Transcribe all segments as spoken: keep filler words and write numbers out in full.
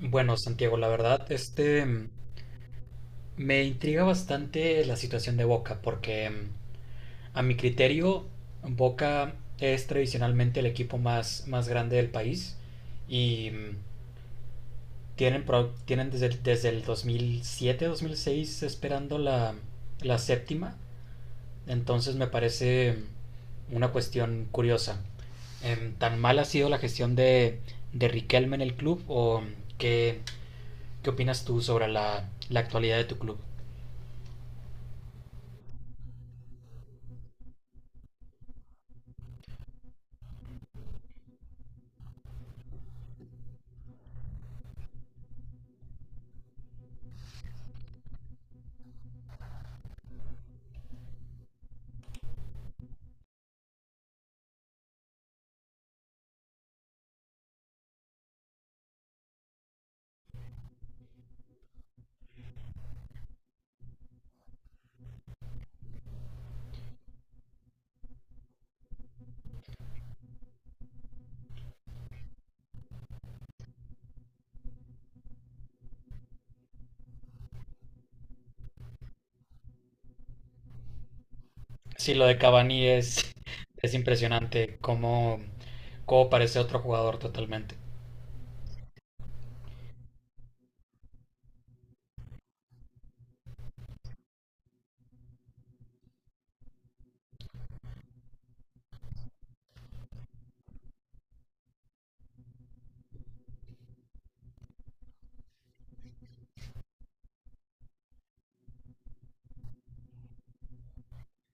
Bueno, Santiago, la verdad, este mm, me intriga bastante la situación de Boca, porque mm, a mi criterio, Boca es tradicionalmente el equipo más, más grande del país y mm, tienen, pro- tienen desde, el- desde el dos mil siete, dos mil seis esperando la, la séptima, entonces me parece mm, una cuestión curiosa. Em, ¿Tan mal ha sido la gestión de, de Riquelme en el club o mm, qué, ¿Qué opinas tú sobre la, la actualidad de tu club? Sí, lo de Cavani es, es impresionante, cómo, cómo parece otro jugador totalmente.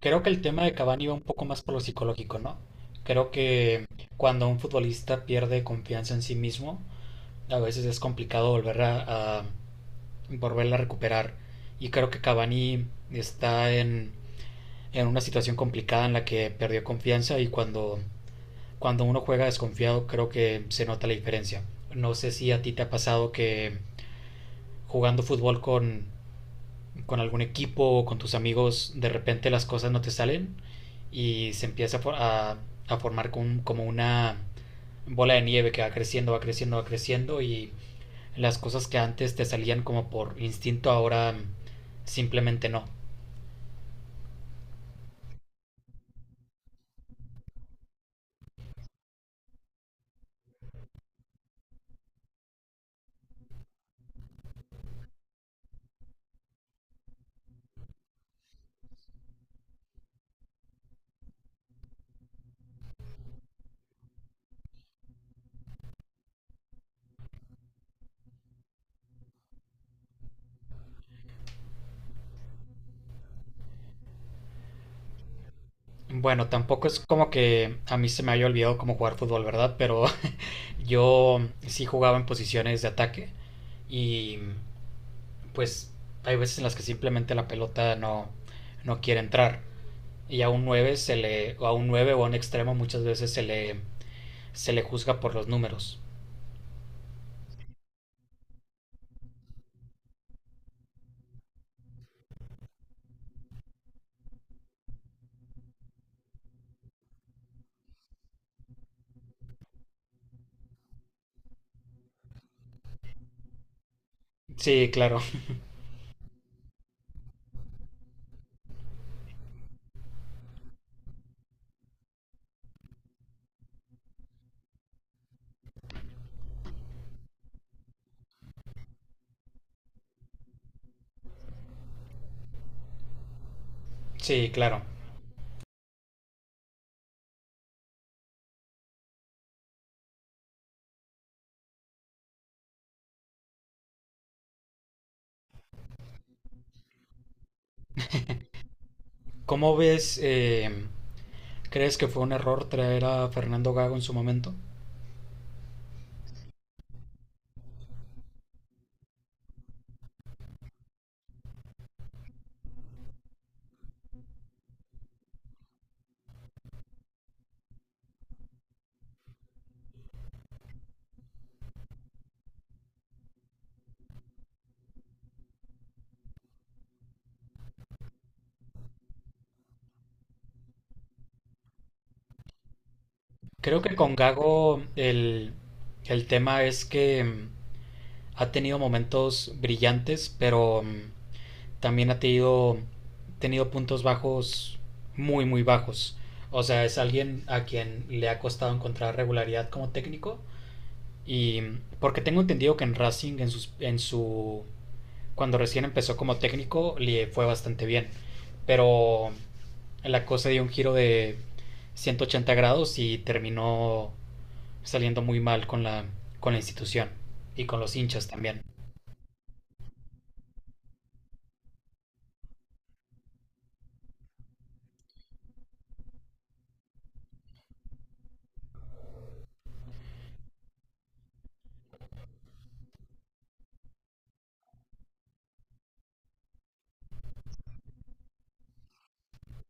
Creo que el tema de Cavani va un poco más por lo psicológico, ¿no? Creo que cuando un futbolista pierde confianza en sí mismo, a veces es complicado volver a, a- volverla a recuperar. Y creo que Cavani está en, en una situación complicada en la que perdió confianza y cuando cuando uno juega desconfiado creo que se nota la diferencia. No sé si a ti te ha pasado que jugando fútbol con, con algún equipo o con tus amigos de repente las cosas no te salen y se empieza a, for- a- a formar con- como una bola de nieve que va creciendo, va creciendo, va creciendo y las cosas que antes te salían como por instinto ahora simplemente no. Bueno, tampoco es como que a mí se me haya olvidado cómo jugar fútbol, ¿verdad? Pero yo sí jugaba en posiciones de ataque y pues hay veces en las que simplemente la pelota no, no quiere entrar. Y a un nueve se le, o a un nueve o a un extremo muchas veces se le, se le juzga por los números. Sí, claro, sí, claro. ¿Cómo ves, eh, crees que fue un error traer a Fernando Gago en su momento? Creo que con Gago el, el tema es que ha tenido momentos brillantes, pero mm, también ha tenido, tenido puntos bajos muy, muy bajos. O sea, es alguien a quien le ha costado encontrar regularidad como técnico. Y mm, porque tengo entendido que en Racing, en, sus, en su... Cuando recién empezó como técnico, le fue bastante bien. Pero mm, la cosa dio un giro de ciento ochenta grados y terminó saliendo muy mal con la, con la institución y con los hinchas también.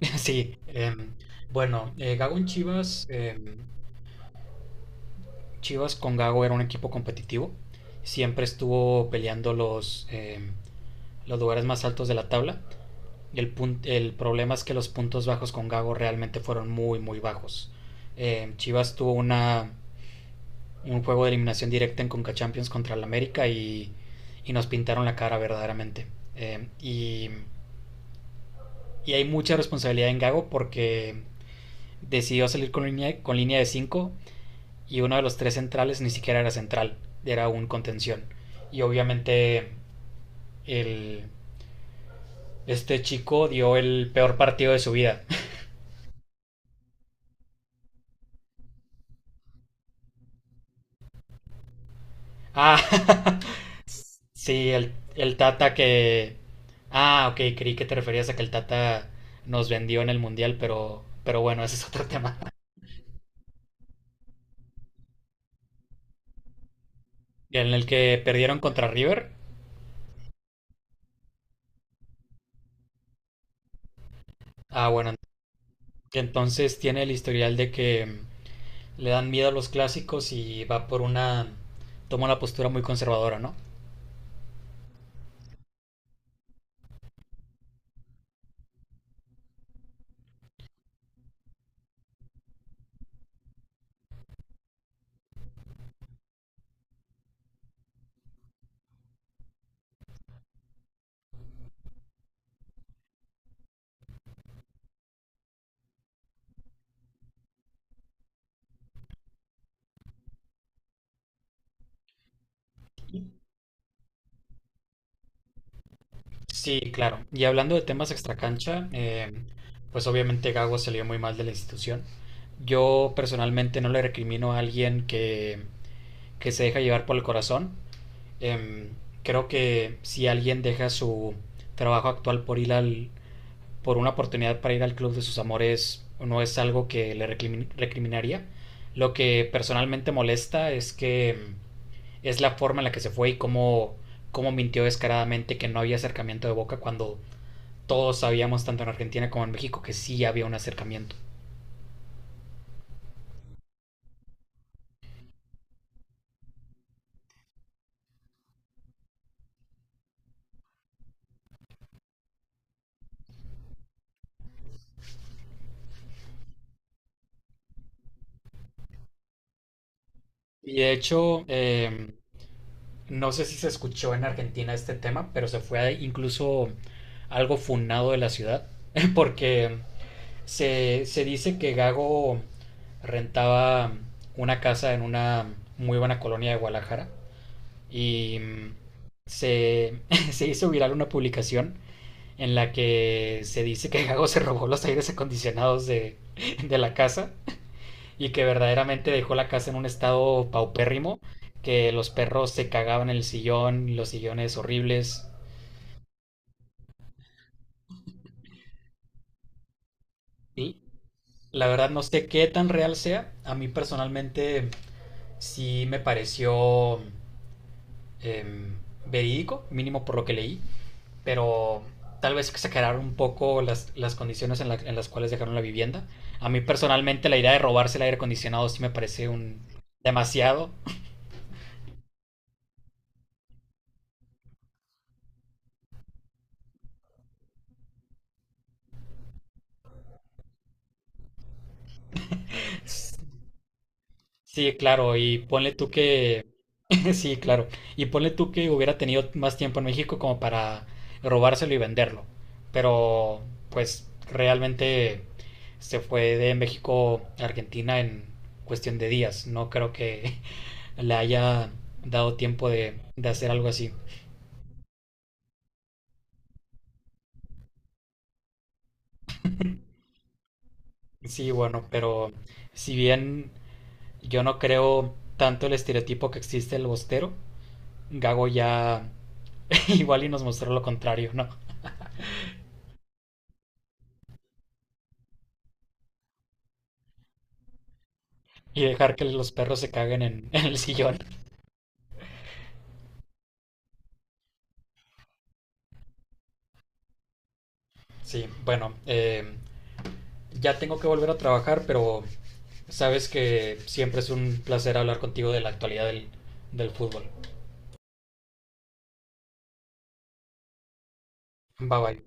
Sí, eh, bueno, eh, Gago en Chivas, eh, Chivas con Gago era un equipo competitivo, siempre estuvo peleando los, eh, los lugares más altos de la tabla. El, pun- el problema es que los puntos bajos con Gago realmente fueron muy, muy bajos. Eh, Chivas tuvo una, un juego de eliminación directa en Conca Champions contra el América y, y nos pintaron la cara verdaderamente. Eh, y, y hay mucha responsabilidad en Gago porque decidió salir con línea, con línea de cinco. Y uno de los tres centrales ni siquiera era central, era un contención. Y obviamente el, este chico dio el peor partido de su vida. Ah, sí, el, el Tata que... Ah, ok, creí que te referías a que el Tata nos vendió en el Mundial, pero, pero bueno, ese es otro tema. En el que perdieron contra River. Ah, bueno, entonces tiene el historial de que le dan miedo a los clásicos y va por una... toma una postura muy conservadora, ¿no? Sí, claro. Y hablando de temas extracancha, eh, pues obviamente Gago salió muy mal de la institución. Yo personalmente no le recrimino a alguien que, que se deja llevar por el corazón. Em, creo que si alguien deja su trabajo actual por ir al, por una oportunidad para ir al club de sus amores, no es algo que le recrimi- recriminaría. Lo que personalmente molesta es que em, es la forma en la que se fue y cómo, cómo mintió descaradamente que no había acercamiento de Boca cuando todos sabíamos, tanto en Argentina como en México, que sí había un acercamiento. Y de hecho, eh, no sé si se escuchó en Argentina este tema, pero se fue incluso algo funado de la ciudad, porque se, se dice que Gago rentaba una casa en una muy buena colonia de Guadalajara y em, se, se hizo viral una publicación en la que se dice que Gago se robó los aires acondicionados de, de la casa y que verdaderamente dejó la casa en un estado paupérrimo, que los perros se cagaban en el sillón, los sillones horribles. Y la verdad no sé qué tan real sea. A mí personalmente sí me pareció em, verídico, mínimo por lo que leí, pero tal vez exageraron un poco las, las condiciones en, la- en las cuales dejaron la vivienda. A mí personalmente la idea de robarse el aire acondicionado sí me parece un demasiado. Sí, claro, y ponle tú que... Sí, claro. Y ponle tú que hubiera tenido más tiempo en México como para robárselo y venderlo. Pero, pues, realmente se fue de México a Argentina en cuestión de días. No creo que le haya dado tiempo de, de hacer algo así. Sí, bueno, pero si bien yo no creo tanto el estereotipo que existe el bostero, Gago ya igual y nos mostró lo contrario, ¿no? Y dejar que los perros se caguen en, en el sillón. Sí, bueno, eh, ya tengo que volver a trabajar, pero sabes que siempre es un placer hablar contigo de la actualidad del, del fútbol. Bye bye.